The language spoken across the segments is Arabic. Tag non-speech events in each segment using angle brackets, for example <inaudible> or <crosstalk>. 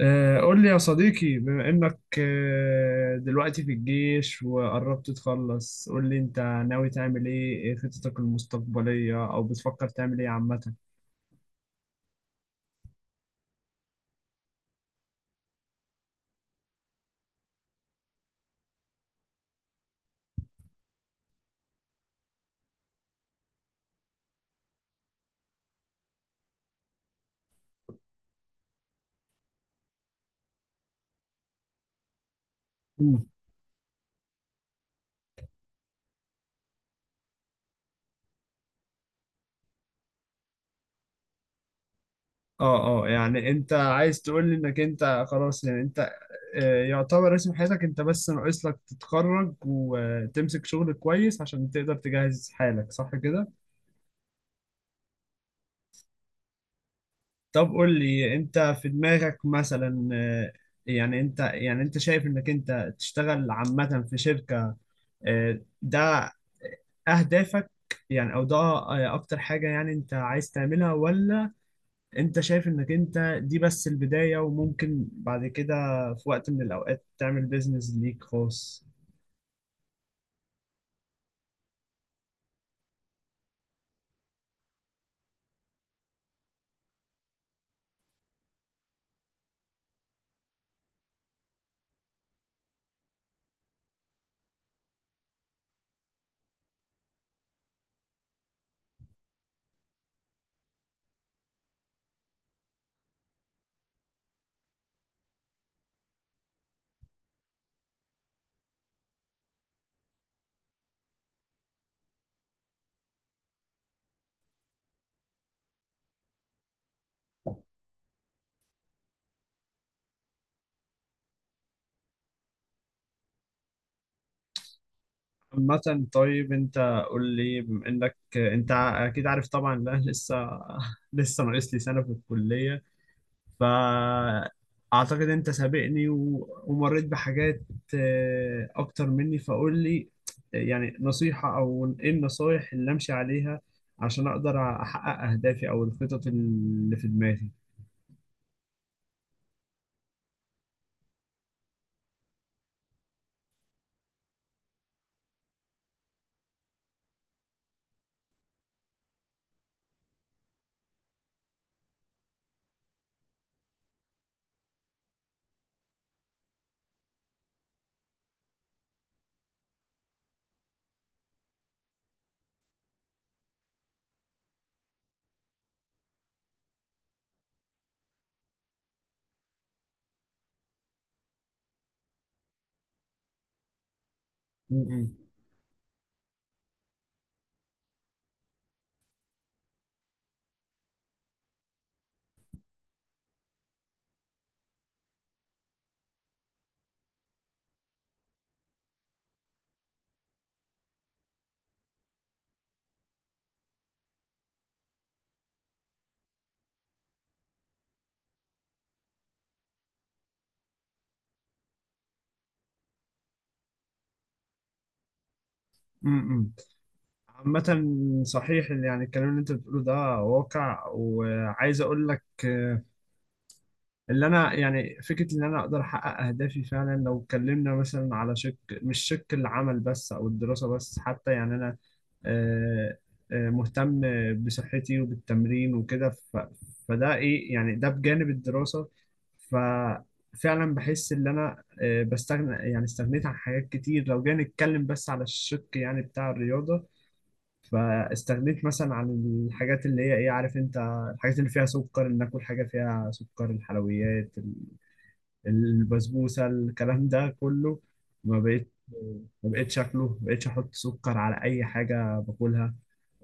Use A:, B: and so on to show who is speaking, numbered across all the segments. A: قول لي يا صديقي بما إنك دلوقتي في الجيش وقربت تخلص. قول لي أنت ناوي تعمل إيه خططك المستقبلية، أو بتفكر تعمل إيه عامة؟ مم. يعني أنت عايز تقول لي إنك أنت خلاص، يعني أنت يعتبر رسم حياتك، أنت بس ناقص لك تتخرج وتمسك شغل كويس عشان تقدر تجهز حالك، صح كده؟ طب قول لي، أنت في دماغك مثلا يعني أنت شايف إنك أنت تشتغل عامة في شركة؟ ده اهدافك، يعني او ده اكتر حاجة يعني انت عايز تعملها؟ ولا انت شايف انك انت دي بس البداية، وممكن بعد كده في وقت من الاوقات تعمل بيزنس ليك خاص؟ عامة طيب انت، قول لي، بما انك انت اكيد عارف طبعا. لا لسه <laughs> لسه ناقص لي سنة في الكلية. فأعتقد أنت سابقني ومريت بحاجات أكتر مني. فقول لي يعني نصيحة، أو إيه النصايح اللي أمشي عليها عشان أقدر أحقق أهدافي أو الخطط اللي في دماغي؟ م- م- م- م. عامة صحيح، اللي يعني الكلام اللي أنت بتقوله ده واقع. وعايز أقول لك اللي انا يعني فكره ان انا اقدر احقق اهدافي فعلا، لو اتكلمنا مثلا على شق، مش شق العمل بس او الدراسه بس، حتى يعني انا آه، مهتم بصحتي وبالتمرين وكده. فده ايه، يعني ده بجانب الدراسه. ففعلا بحس ان انا بستغنى، يعني استغنيت عن حاجات كتير، لو جينا نتكلم بس على الشق يعني بتاع الرياضه. فاستغنيت مثلا عن الحاجات اللي هي ايه، عارف انت، الحاجات اللي فيها سكر، ان اكل حاجه فيها سكر، الحلويات البسبوسه، الكلام ده كله. ما بقيت ما بقيتش اكله، ما بقيتش احط سكر على اي حاجه باكلها.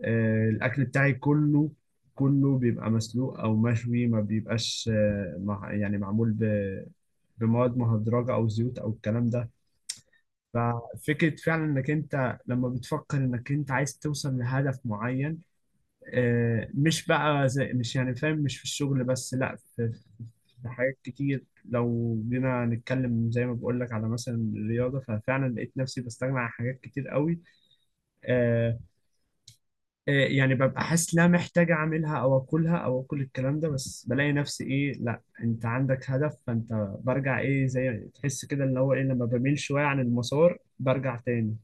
A: الاكل بتاعي كله، كله بيبقى مسلوق او مشوي، ما بيبقاش مع، يعني معمول بمواد مهدرجه او زيوت او الكلام ده. ففكره فعلا انك انت لما بتفكر انك انت عايز توصل لهدف معين، مش بقى زي، مش يعني فاهم، مش في الشغل بس، لا في حاجات كتير. لو جينا نتكلم زي ما بقول لك على مثلا الرياضة، ففعلا لقيت نفسي بستغنى عن حاجات كتير قوي. آه يعني ببقى حاسس لا محتاج اعملها او اكلها او اكل الكلام ده، بس بلاقي نفسي ايه، لا انت عندك هدف فانت برجع ايه، زي تحس كده اللي هو ايه، لما بميل شوية عن المسار برجع تاني.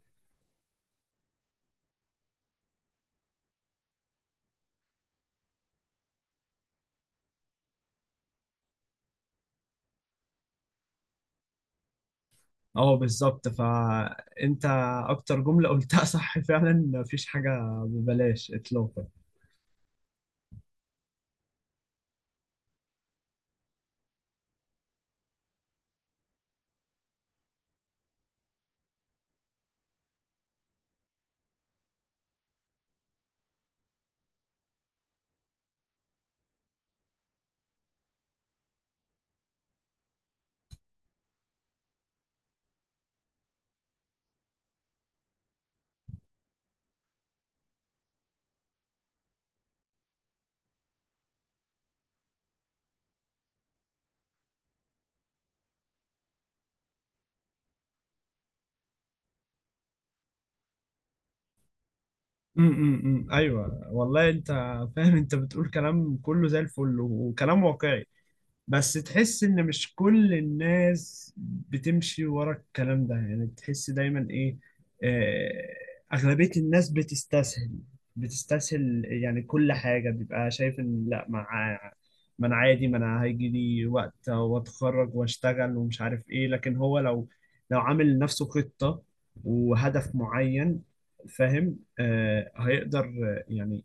A: اه بالظبط. فانت اكتر جملة قلتها <laughs> صح فعلا مفيش حاجة ببلاش اطلاقا. ايوه والله، انت فاهم، انت بتقول كلام كله زي الفل وكلام واقعي، بس تحس ان مش كل الناس بتمشي ورا الكلام ده. يعني تحس دايما ايه، اغلبية الناس بتستسهل. بتستسهل، يعني كل حاجة بيبقى شايف ان لا، ما انا عادي، ما انا هيجي لي وقت واتخرج واشتغل ومش عارف ايه. لكن هو لو عامل لنفسه خطة وهدف معين، فاهم، آه هيقدر، يعني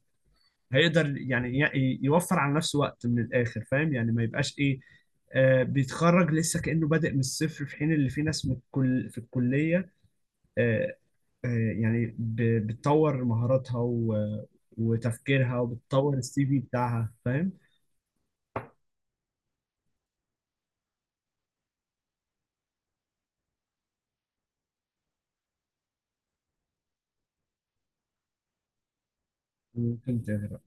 A: هيقدر يعني يوفر على نفسه وقت من الاخر، فاهم، يعني ما يبقاش ايه، آه، بيتخرج لسه كأنه بادئ من الصفر، في حين اللي في ناس من الكل في الكلية آه آه يعني بتطور مهاراتها وتفكيرها، وبتطور السي في بتاعها، فاهم. ممكن تغرق.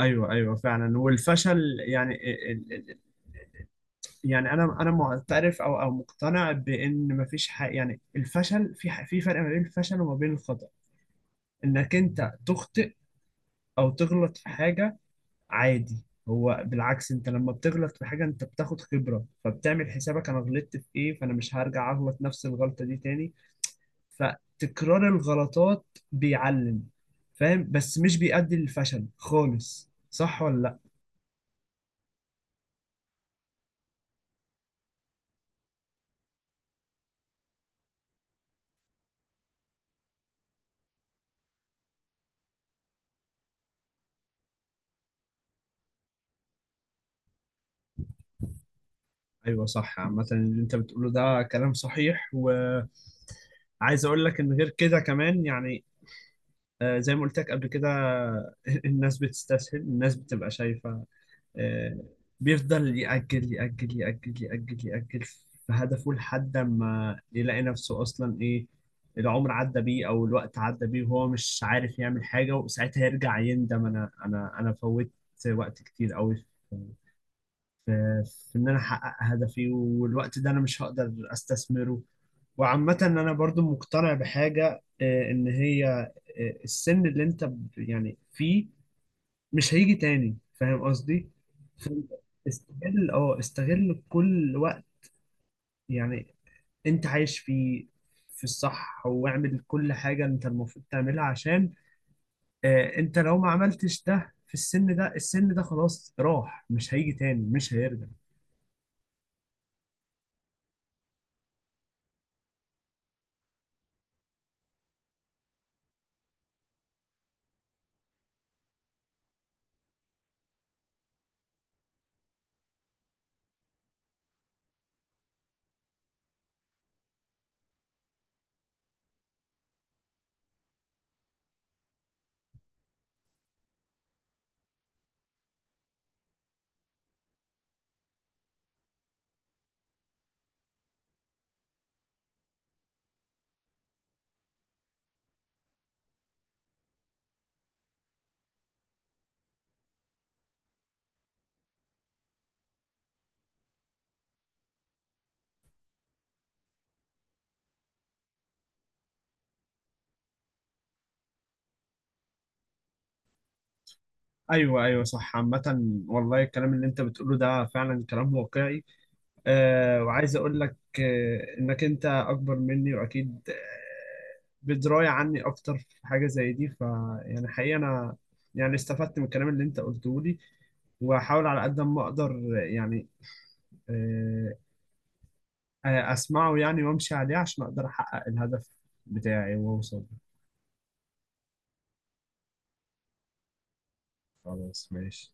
A: ايوه ايوه فعلا، والفشل يعني ال- ال- يعني انا معترف او مقتنع بان مفيش حاجه، يعني الفشل في فرق ما بين الفشل وما بين الخطأ. انك انت تخطئ او تغلط في حاجة، عادي. هو بالعكس، انت لما بتغلط في حاجة انت بتاخد خبرة، فبتعمل حسابك انا غلطت في ايه، فانا مش هرجع اغلط نفس الغلطة دي تاني. فتكرار الغلطات بيعلم، فاهم، بس مش بيؤدي للفشل خالص، صح ولا لا؟ ايوه صح. عامة اللي انت بتقوله ده كلام صحيح، وعايز اقول لك ان غير كده كمان يعني زي ما قلت لك قبل كده <laughs> الناس بتستسهل، الناس بتبقى شايفة، آه، بيفضل يأجل يأجل يأجل يأجل يأجل في هدفه لحد ما يلاقي نفسه أصلا إيه، العمر عدى بيه أو الوقت عدى بيه، وهو مش عارف يعمل حاجة. وساعتها يرجع يندم، أنا فوت وقت كتير أوي في في في إن أنا أحقق هدفي، والوقت ده أنا مش هقدر أستثمره. وعامة أنا برضو مقتنع بحاجة، إن هي السن اللي أنت يعني فيه مش هيجي تاني، فاهم قصدي. فأنت استغل كل وقت يعني انت عايش فيه في الصح، واعمل كل حاجة انت المفروض تعملها عشان، اه انت لو ما عملتش ده في السن ده خلاص راح، مش هيجي تاني، مش هيرجع. ايوه ايوه صح. عامة والله الكلام اللي انت بتقوله ده فعلا كلام واقعي، وعايز اقول لك انك انت اكبر مني، واكيد بدرايه عني اكتر في حاجه زي دي. يعني حقيقه انا يعني استفدت من الكلام اللي انت قلته لي، واحاول على قد ما اقدر، يعني آه، اسمعه يعني وامشي عليه عشان اقدر احقق الهدف بتاعي واوصل. خلاص ماشي.